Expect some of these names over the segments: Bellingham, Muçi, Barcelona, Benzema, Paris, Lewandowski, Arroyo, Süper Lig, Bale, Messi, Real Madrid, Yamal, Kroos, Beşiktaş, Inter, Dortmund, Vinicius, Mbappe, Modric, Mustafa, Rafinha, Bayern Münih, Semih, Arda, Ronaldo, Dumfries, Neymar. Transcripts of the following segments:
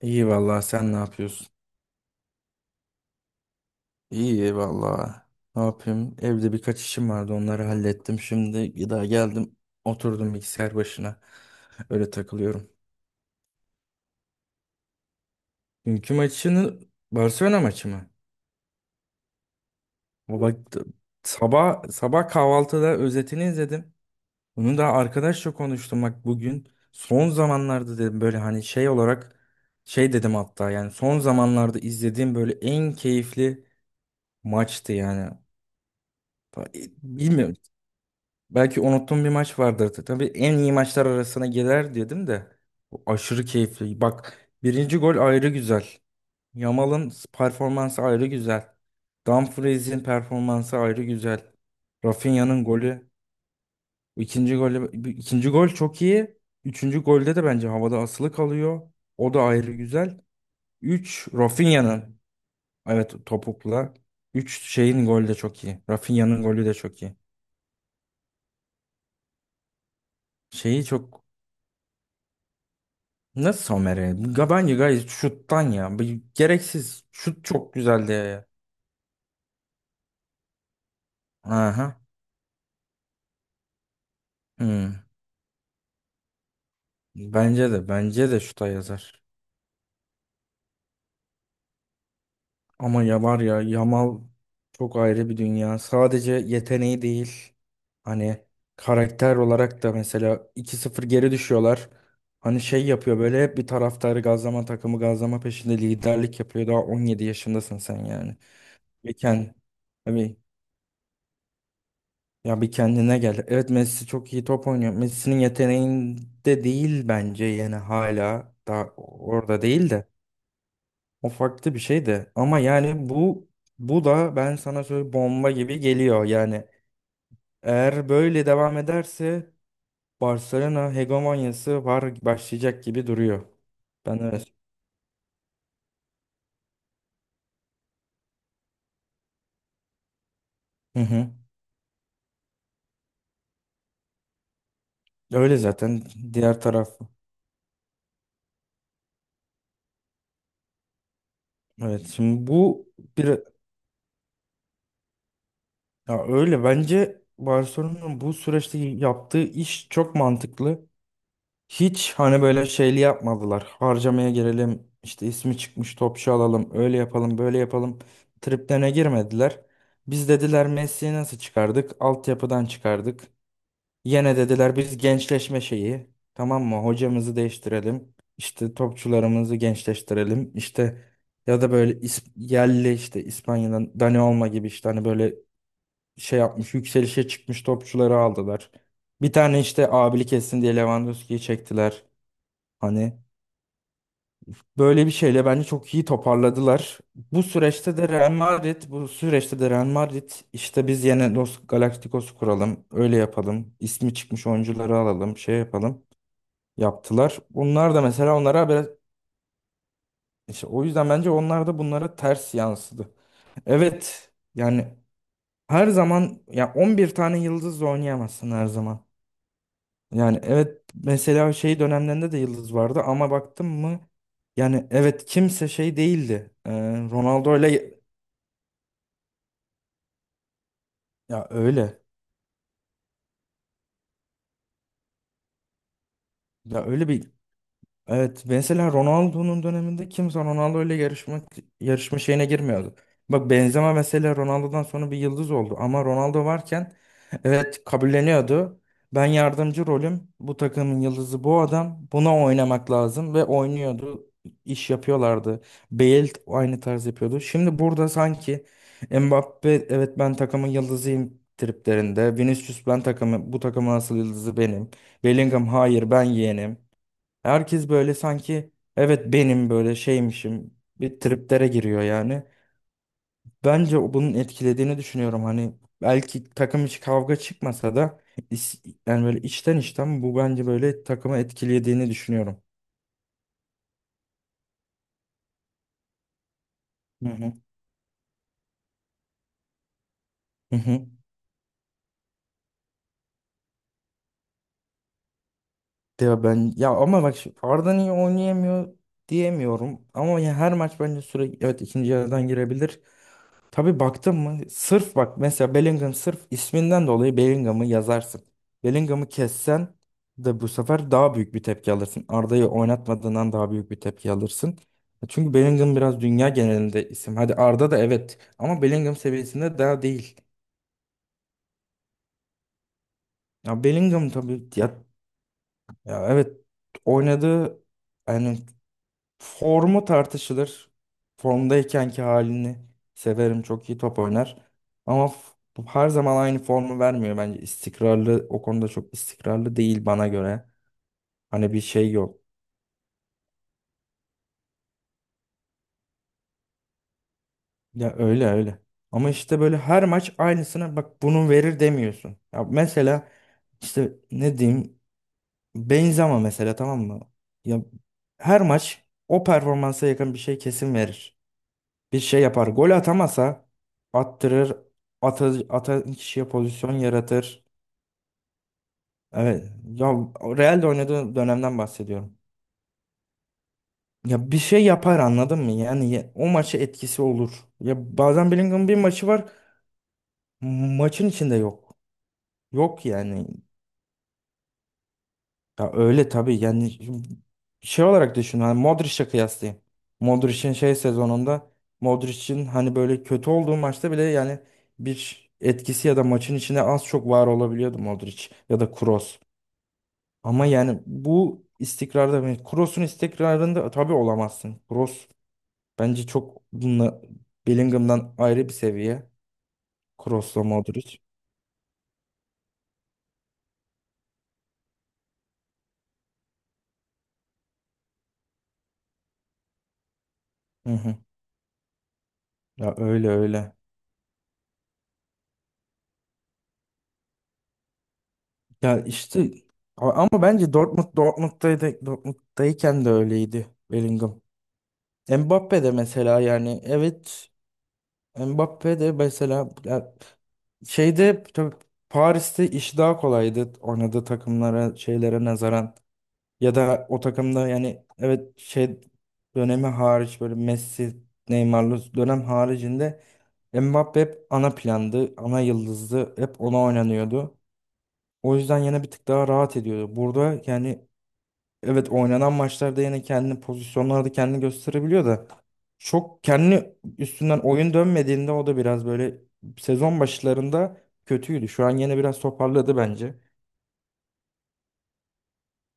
İyi vallahi sen ne yapıyorsun? İyi vallahi. Ne yapayım? Evde birkaç işim vardı, onları hallettim. Şimdi daha geldim oturdum bilgisayar başına. Öyle takılıyorum. Dünkü maçını Barcelona maçı mı? O bak sabah sabah kahvaltıda özetini izledim. Bunu da arkadaşla konuştum bak bugün. Son zamanlarda dedim böyle hani şey olarak şey dedim hatta yani son zamanlarda izlediğim böyle en keyifli maçtı yani. Bilmiyorum. Belki unuttuğum bir maç vardır. Tabii en iyi maçlar arasına girer dedim de. Bu aşırı keyifli. Bak birinci gol ayrı güzel. Yamal'ın performansı ayrı güzel. Dumfries'in performansı ayrı güzel. Rafinha'nın golü, ikinci golü, ikinci gol çok iyi. Üçüncü golde de bence havada asılı kalıyor. O da ayrı güzel. Üç Rafinha'nın. Evet, topukla. Üç şeyin golü de çok iyi. Rafinha'nın golü de çok iyi. Şeyi çok Nasıl somere? Bence gayet şuttan ya. Gereksiz. Şut çok güzeldi ya. Aha. Hmm. Bence de. Bence de şuta yazar. Ama ya var ya Yamal çok ayrı bir dünya. Sadece yeteneği değil. Hani karakter olarak da mesela 2-0 geri düşüyorlar. Hani şey yapıyor böyle hep bir taraftarı gazlama takımı gazlama peşinde liderlik yapıyor. Daha 17 yaşındasın sen yani. Beken. Ya bir kendine gel. Evet, Messi çok iyi top oynuyor. Messi'nin yeteneğinde değil bence yani hala daha orada değil de. O farklı bir şey de. Ama yani bu da ben sana söyle bomba gibi geliyor. Yani eğer böyle devam ederse Barcelona hegemonyası var başlayacak gibi duruyor. Ben öyle. Hı hı. Öyle zaten diğer taraf. Evet şimdi bu bir ya öyle bence Barcelona'nın bu süreçte yaptığı iş çok mantıklı. Hiç hani böyle şeyli yapmadılar. Harcamaya girelim, işte ismi çıkmış topçu alalım, öyle yapalım, böyle yapalım. Triplerine girmediler. Biz dediler Messi'yi nasıl çıkardık? Altyapıdan çıkardık. Yine dediler biz gençleşme şeyi. Tamam mı? Hocamızı değiştirelim. İşte topçularımızı gençleştirelim. İşte ya da böyle yerli işte İspanya'dan Dani Olmo gibi işte hani böyle şey yapmış, yükselişe çıkmış topçuları aldılar. Bir tane işte abilik etsin diye Lewandowski'yi çektiler. Hani böyle bir şeyle bence çok iyi toparladılar. Bu süreçte de Real Madrid işte biz yine Los Galacticos kuralım, öyle yapalım, ismi çıkmış oyuncuları alalım, şey yapalım. Yaptılar. Onlar da mesela onlara biraz işte o yüzden bence onlar da bunlara ters yansıdı. Evet. Yani her zaman ya 11 tane yıldızla oynayamazsın her zaman. Yani evet mesela şey dönemlerinde de yıldız vardı ama baktım mı yani evet kimse şey değildi. Ronaldo öyle ya öyle ya öyle bir evet mesela Ronaldo'nun döneminde kimse Ronaldo ile yarışma şeyine girmiyordu. Bak Benzema mesela Ronaldo'dan sonra bir yıldız oldu ama Ronaldo varken evet kabulleniyordu. Ben yardımcı rolüm. Bu takımın yıldızı bu adam. Buna oynamak lazım ve oynuyordu. İş yapıyorlardı. Bale aynı tarz yapıyordu. Şimdi burada sanki Mbappe evet ben takımın yıldızıyım triplerinde. Vinicius ben takımı bu takımın asıl yıldızı benim. Bellingham hayır ben yeğenim. Herkes böyle sanki evet benim böyle şeymişim bir triplere giriyor yani. Bence bunun etkilediğini düşünüyorum. Hani belki takım içi kavga çıkmasa da yani böyle içten içten bu bence böyle takımı etkilediğini düşünüyorum. Hı hı. Hı hı. Ya ben ya ama bak Arda niye oynayamıyor diyemiyorum. Ama ya her maç bence sürekli evet ikinci yarıdan girebilir. Tabii baktın mı? Sırf bak mesela Bellingham sırf isminden dolayı Bellingham'ı yazarsın. Bellingham'ı kessen de bu sefer daha büyük bir tepki alırsın. Arda'yı oynatmadığından daha büyük bir tepki alırsın. Çünkü Bellingham biraz dünya genelinde isim. Hadi Arda da evet ama Bellingham seviyesinde daha değil. Ya Bellingham tabii ya, ya evet oynadığı yani formu tartışılır. Formdaykenki halini severim. Çok iyi top oynar. Ama her zaman aynı formu vermiyor bence. İstikrarlı o konuda çok istikrarlı değil bana göre. Hani bir şey yok. Ya öyle öyle. Ama işte böyle her maç aynısına bak bunu verir demiyorsun. Ya mesela işte ne diyeyim Benzema mesela tamam mı? Ya her maç o performansa yakın bir şey kesin verir. Bir şey yapar. Gol atamasa attırır, atan kişiye pozisyon yaratır. Evet. Ya Real'de oynadığı dönemden bahsediyorum. Ya bir şey yapar anladın mı? Yani o maça etkisi olur. Ya bazen Bellingham'ın bir maçı var. Maçın içinde yok. Yok yani. Ya öyle tabii yani şimdi şey olarak düşün hani Modric'e kıyaslayayım. Modric'in şey sezonunda Modric'in hani böyle kötü olduğu maçta bile yani bir etkisi ya da maçın içinde az çok var olabiliyordu Modric ya da Kroos. Ama yani bu istikrarda yani Kroos'un istikrarında tabii olamazsın. Kroos bence çok bununla Bellingham'dan ayrı bir seviye. Kroos'la Modric. Hı hı. Ya öyle öyle. Ya işte ama bence Dortmund'daydı, Dortmund'dayken de öyleydi Bellingham. Mbappe de mesela yani evet Mbappe de mesela ya şeyde tabii Paris'te iş daha kolaydı oynadığı takımlara şeylere nazaran ya da o takımda yani evet şey dönemi hariç böyle Messi Neymar'lı dönem haricinde Mbappe hep ana plandı ana yıldızdı hep ona oynanıyordu. O yüzden yine bir tık daha rahat ediyordu. Burada yani evet oynanan maçlarda yine kendini pozisyonlarda kendini gösterebiliyor da çok kendi üstünden oyun dönmediğinde o da biraz böyle sezon başlarında kötüydü. Şu an yine biraz toparladı bence.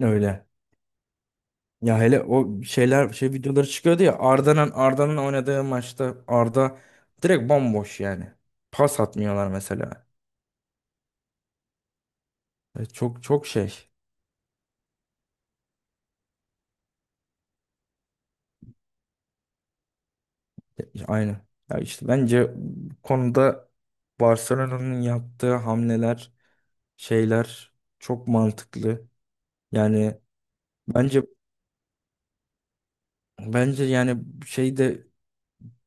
Öyle. Ya hele o şeyler şey videoları çıkıyordu ya Arda'nın oynadığı maçta Arda direkt bomboş yani. Pas atmıyorlar mesela. Çok çok şey. Aynı. Ya işte bence bu konuda Barcelona'nın yaptığı hamleler şeyler çok mantıklı. Yani bence bence yani şeyde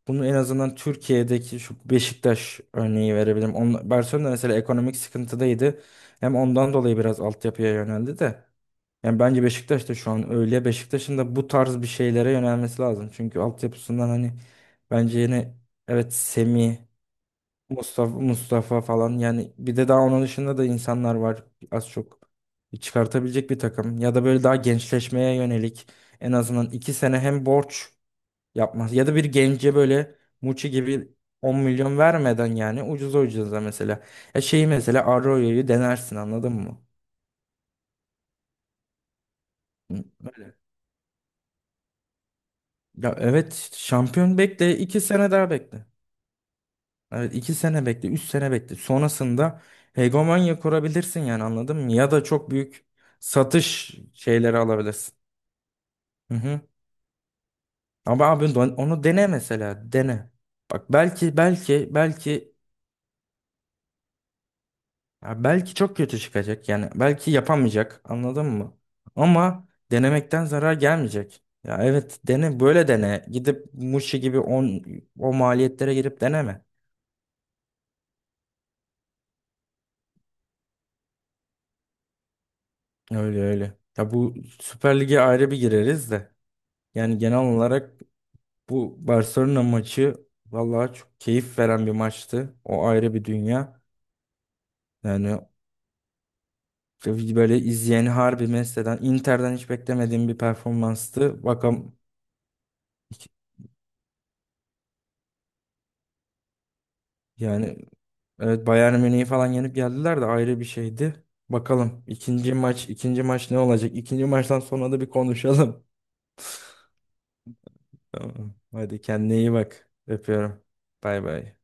bunu en azından Türkiye'deki şu Beşiktaş örneği verebilirim. Barcelona mesela ekonomik sıkıntıdaydı. Hem ondan dolayı biraz altyapıya yöneldi de. Yani bence Beşiktaş da şu an öyle. Beşiktaş'ın da bu tarz bir şeylere yönelmesi lazım. Çünkü altyapısından hani bence yine evet Semih Mustafa falan yani bir de daha onun dışında da insanlar var az çok çıkartabilecek bir takım ya da böyle daha gençleşmeye yönelik en azından 2 sene hem borç yapmaz ya da bir gence böyle Muçi gibi 10 milyon vermeden yani ucuza ucuza mesela ya şeyi mesela Arroyo'yu denersin anladın mı? Hı, öyle. Ya evet işte şampiyon bekle 2 sene daha bekle. Evet 2 sene bekle, 3 sene bekle. Sonrasında hegemonya kurabilirsin yani anladın mı? Ya da çok büyük satış şeyleri alabilirsin. Hı hı. Ama abi onu dene mesela, dene. Bak belki belki belki ya belki çok kötü çıkacak yani belki yapamayacak anladın mı? Ama denemekten zarar gelmeyecek. Ya evet dene böyle dene. Gidip Muşi gibi o maliyetlere girip deneme. Öyle öyle. Ya bu Süper Lig'e ayrı bir gireriz de. Yani genel olarak bu Barcelona maçı vallahi çok keyif veren bir maçtı. O ayrı bir dünya. Yani böyle izleyeni harbi mest eden Inter'den hiç beklemediğim bir performanstı. Bakalım yani evet Bayern Münih'i falan yenip geldiler de ayrı bir şeydi. Bakalım ikinci maç ikinci maç ne olacak? İkinci maçtan sonra da bir konuşalım. Tamam. Hadi kendine iyi bak. Öpüyorum. Bay bay.